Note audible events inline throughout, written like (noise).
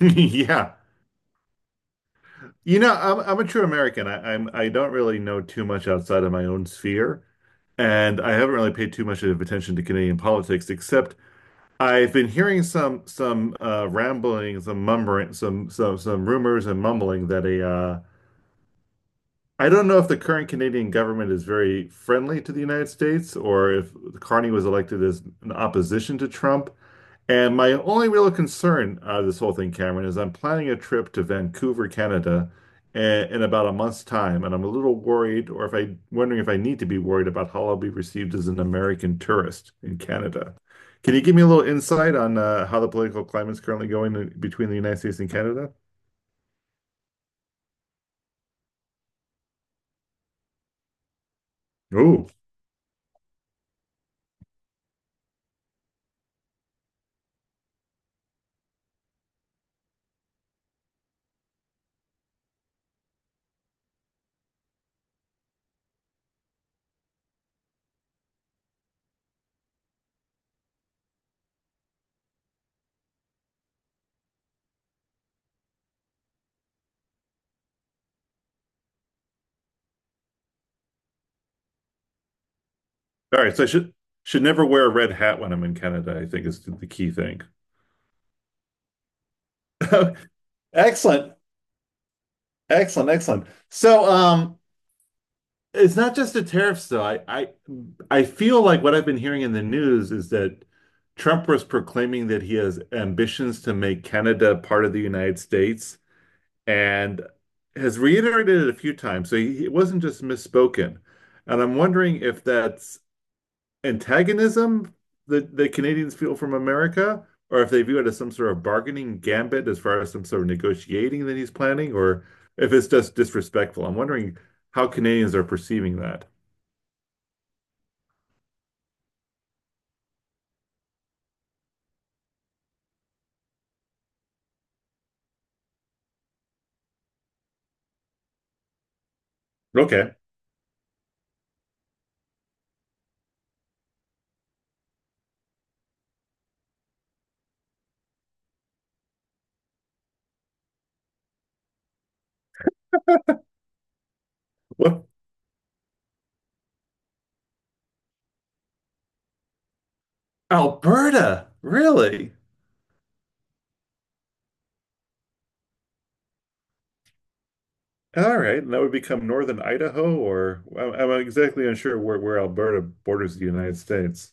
(laughs) Yeah. You know, I'm a true American. I don't really know too much outside of my own sphere, and I haven't really paid too much of attention to Canadian politics, except I've been hearing some rambling, some mumbling, some rumors and mumbling that a I don't know if the current Canadian government is very friendly to the United States, or if Carney was elected as an opposition to Trump. And my only real concern this whole thing, Cameron, is I'm planning a trip to Vancouver, Canada, in about a month's time, and I'm a little worried, or if I wondering if I need to be worried about how I'll be received as an American tourist in Canada. Can you give me a little insight on how the political climate's currently going between the United States and Canada? Oh. All right, so I should never wear a red hat when I'm in Canada, I think is the key thing. (laughs) Excellent. Excellent, excellent. So, it's not just the tariffs though. I feel like what I've been hearing in the news is that Trump was proclaiming that he has ambitions to make Canada part of the United States, and has reiterated it a few times. So it wasn't just misspoken. And I'm wondering if that's antagonism that the Canadians feel from America, or if they view it as some sort of bargaining gambit as far as some sort of negotiating that he's planning, or if it's just disrespectful. I'm wondering how Canadians are perceiving that. Okay. Well, Alberta, really? All right, and that would become Northern Idaho, or I'm exactly unsure where Alberta borders the United States.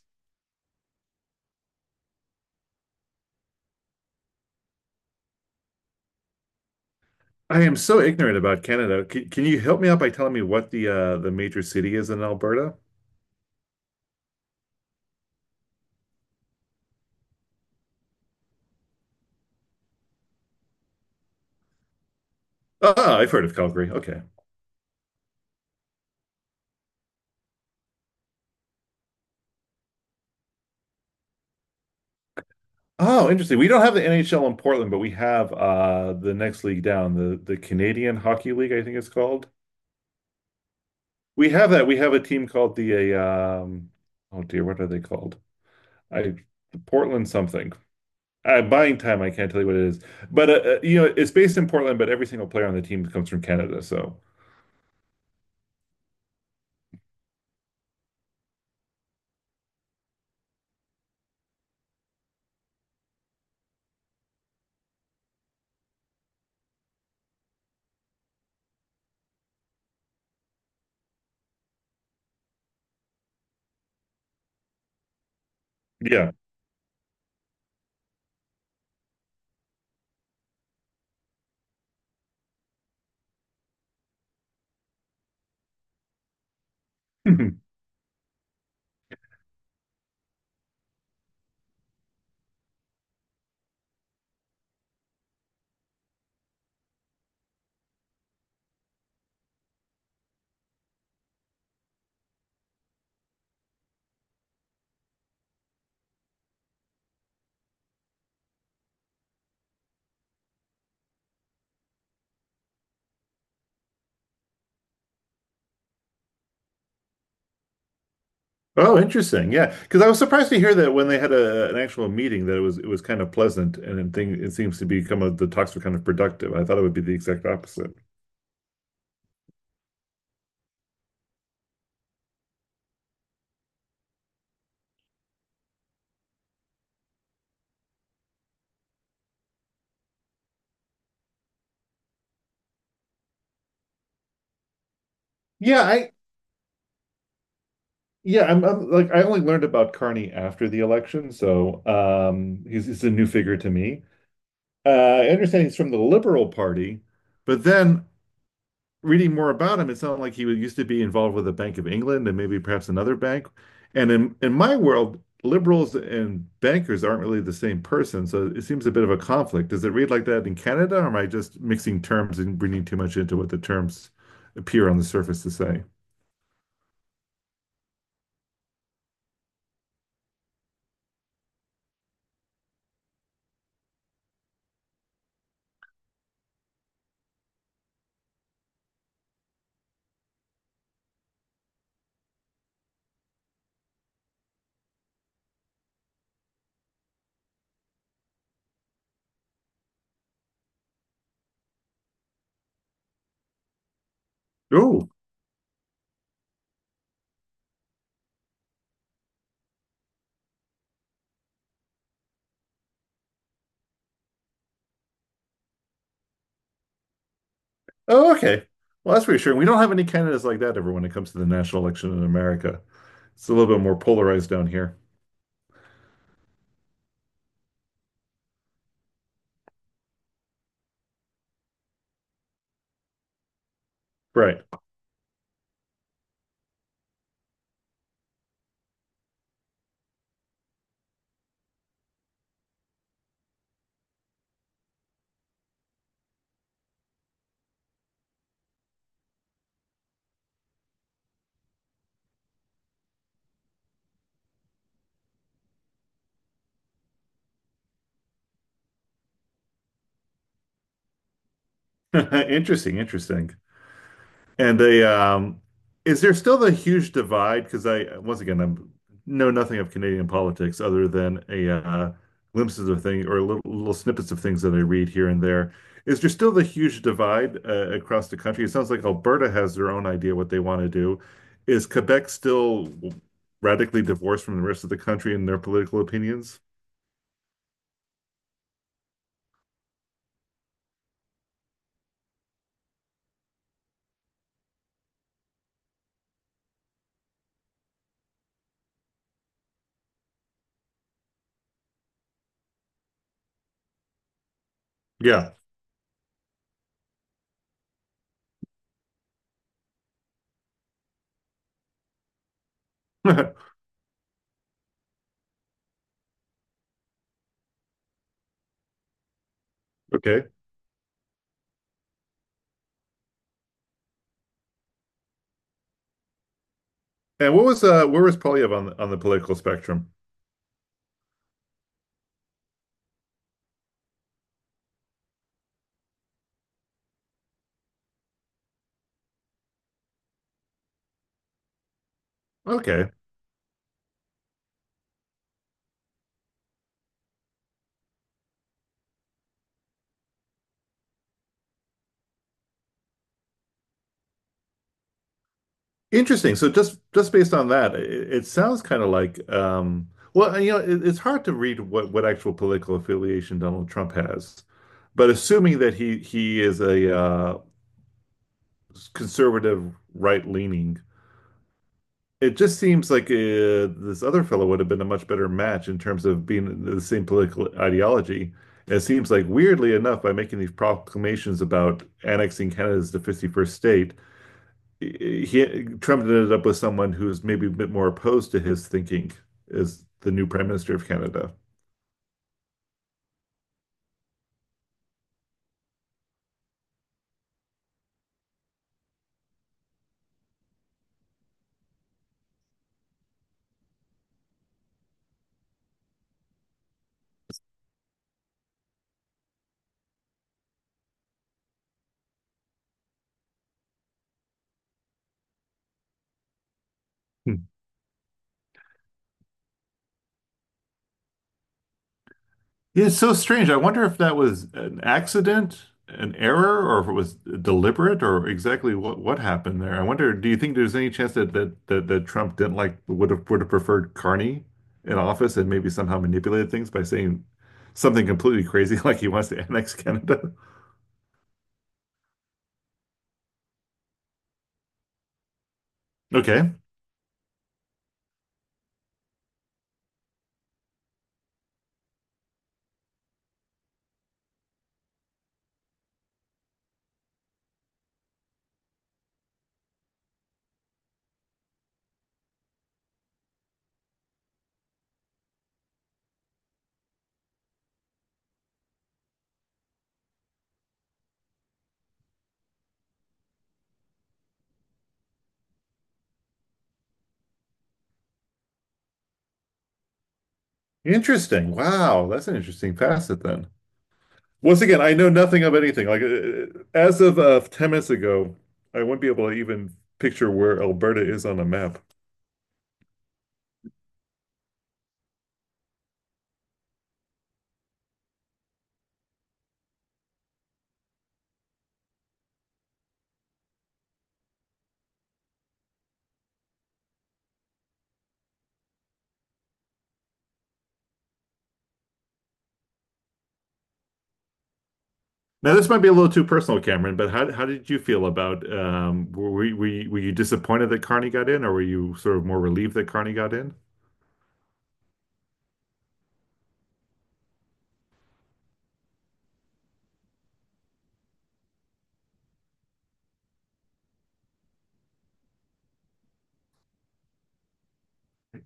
I am so ignorant about Canada. Can you help me out by telling me what the major city is in Alberta? Ah, I've heard of Calgary. Okay. Oh, interesting. We don't have the NHL in Portland, but we have the next league down, the Canadian Hockey League, I think it's called. We have that. We have a team called the oh dear, what are they called? I Portland something. Buying time, I can't tell you what it is. But you know, it's based in Portland, but every single player on the team comes from Canada, so yeah. (laughs) Mhm. Oh, interesting. Yeah, because I was surprised to hear that when they had an actual meeting that it was kind of pleasant, and it, thing, it seems to become kind the talks were kind of productive. I thought it would be the exact opposite. Yeah, I yeah, I'm like I only learned about Carney after the election, so he's a new figure to me. I understand he's from the Liberal Party, but then reading more about him, it sounded like he was used to be involved with the Bank of England, and maybe perhaps another bank. And in my world, liberals and bankers aren't really the same person, so it seems a bit of a conflict. Does it read like that in Canada, or am I just mixing terms and reading too much into what the terms appear on the surface to say? Oh. Oh, okay. Well, that's reassuring. We don't have any candidates like that ever when it comes to the national election in America. It's a little bit more polarized down here. Right. (laughs) Interesting, interesting. And is there still the huge divide? Because I, once again, I'm know nothing of Canadian politics other than a glimpses of things, or little snippets of things that I read here and there. Is there still the huge divide across the country? It sounds like Alberta has their own idea what they want to do. Is Quebec still radically divorced from the rest of the country in their political opinions? Yeah. (laughs) Okay. And what was where was Polyev on on the political spectrum? Okay. Interesting. So just based on that, it sounds kind of like well, you know, it's hard to read what actual political affiliation Donald Trump has. But assuming that he is a conservative right-leaning, it just seems like this other fellow would have been a much better match in terms of being the same political ideology. It seems like, weirdly enough, by making these proclamations about annexing Canada's the 51st state, he Trump ended up with someone who's maybe a bit more opposed to his thinking as the new Prime Minister of Canada. Hmm. Yeah, it's so strange. I wonder if that was an accident, an error, or if it was deliberate, or exactly what happened there. I wonder, do you think there's any chance that Trump didn't like would have preferred Carney in office, and maybe somehow manipulated things by saying something completely crazy (laughs) like he wants to annex Canada? Okay. Interesting. Wow, that's an interesting facet then. Once again, I know nothing of anything. Like as of 10 minutes ago, I wouldn't be able to even picture where Alberta is on a map. Now, this might be a little too personal, Cameron, but how did you feel about were you, were you disappointed that Carney got in, or were you sort of more relieved that Carney got in?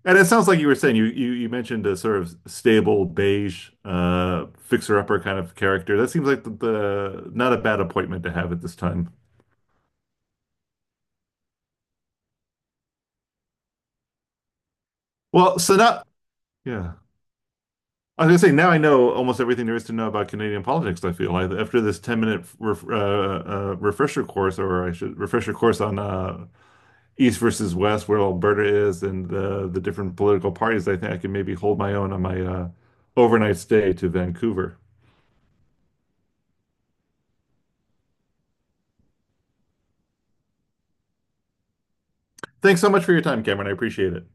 And it sounds like you were saying you mentioned a sort of stable beige fixer-upper kind of character. That seems like the not a bad appointment to have at this time. Well, so not yeah. I was gonna say now I know almost everything there is to know about Canadian politics. I feel like after this 10 minute refresher course, on East versus West, where Alberta is, and the different political parties. I think I can maybe hold my own on my overnight stay to Vancouver. Thanks so much for your time, Cameron. I appreciate it.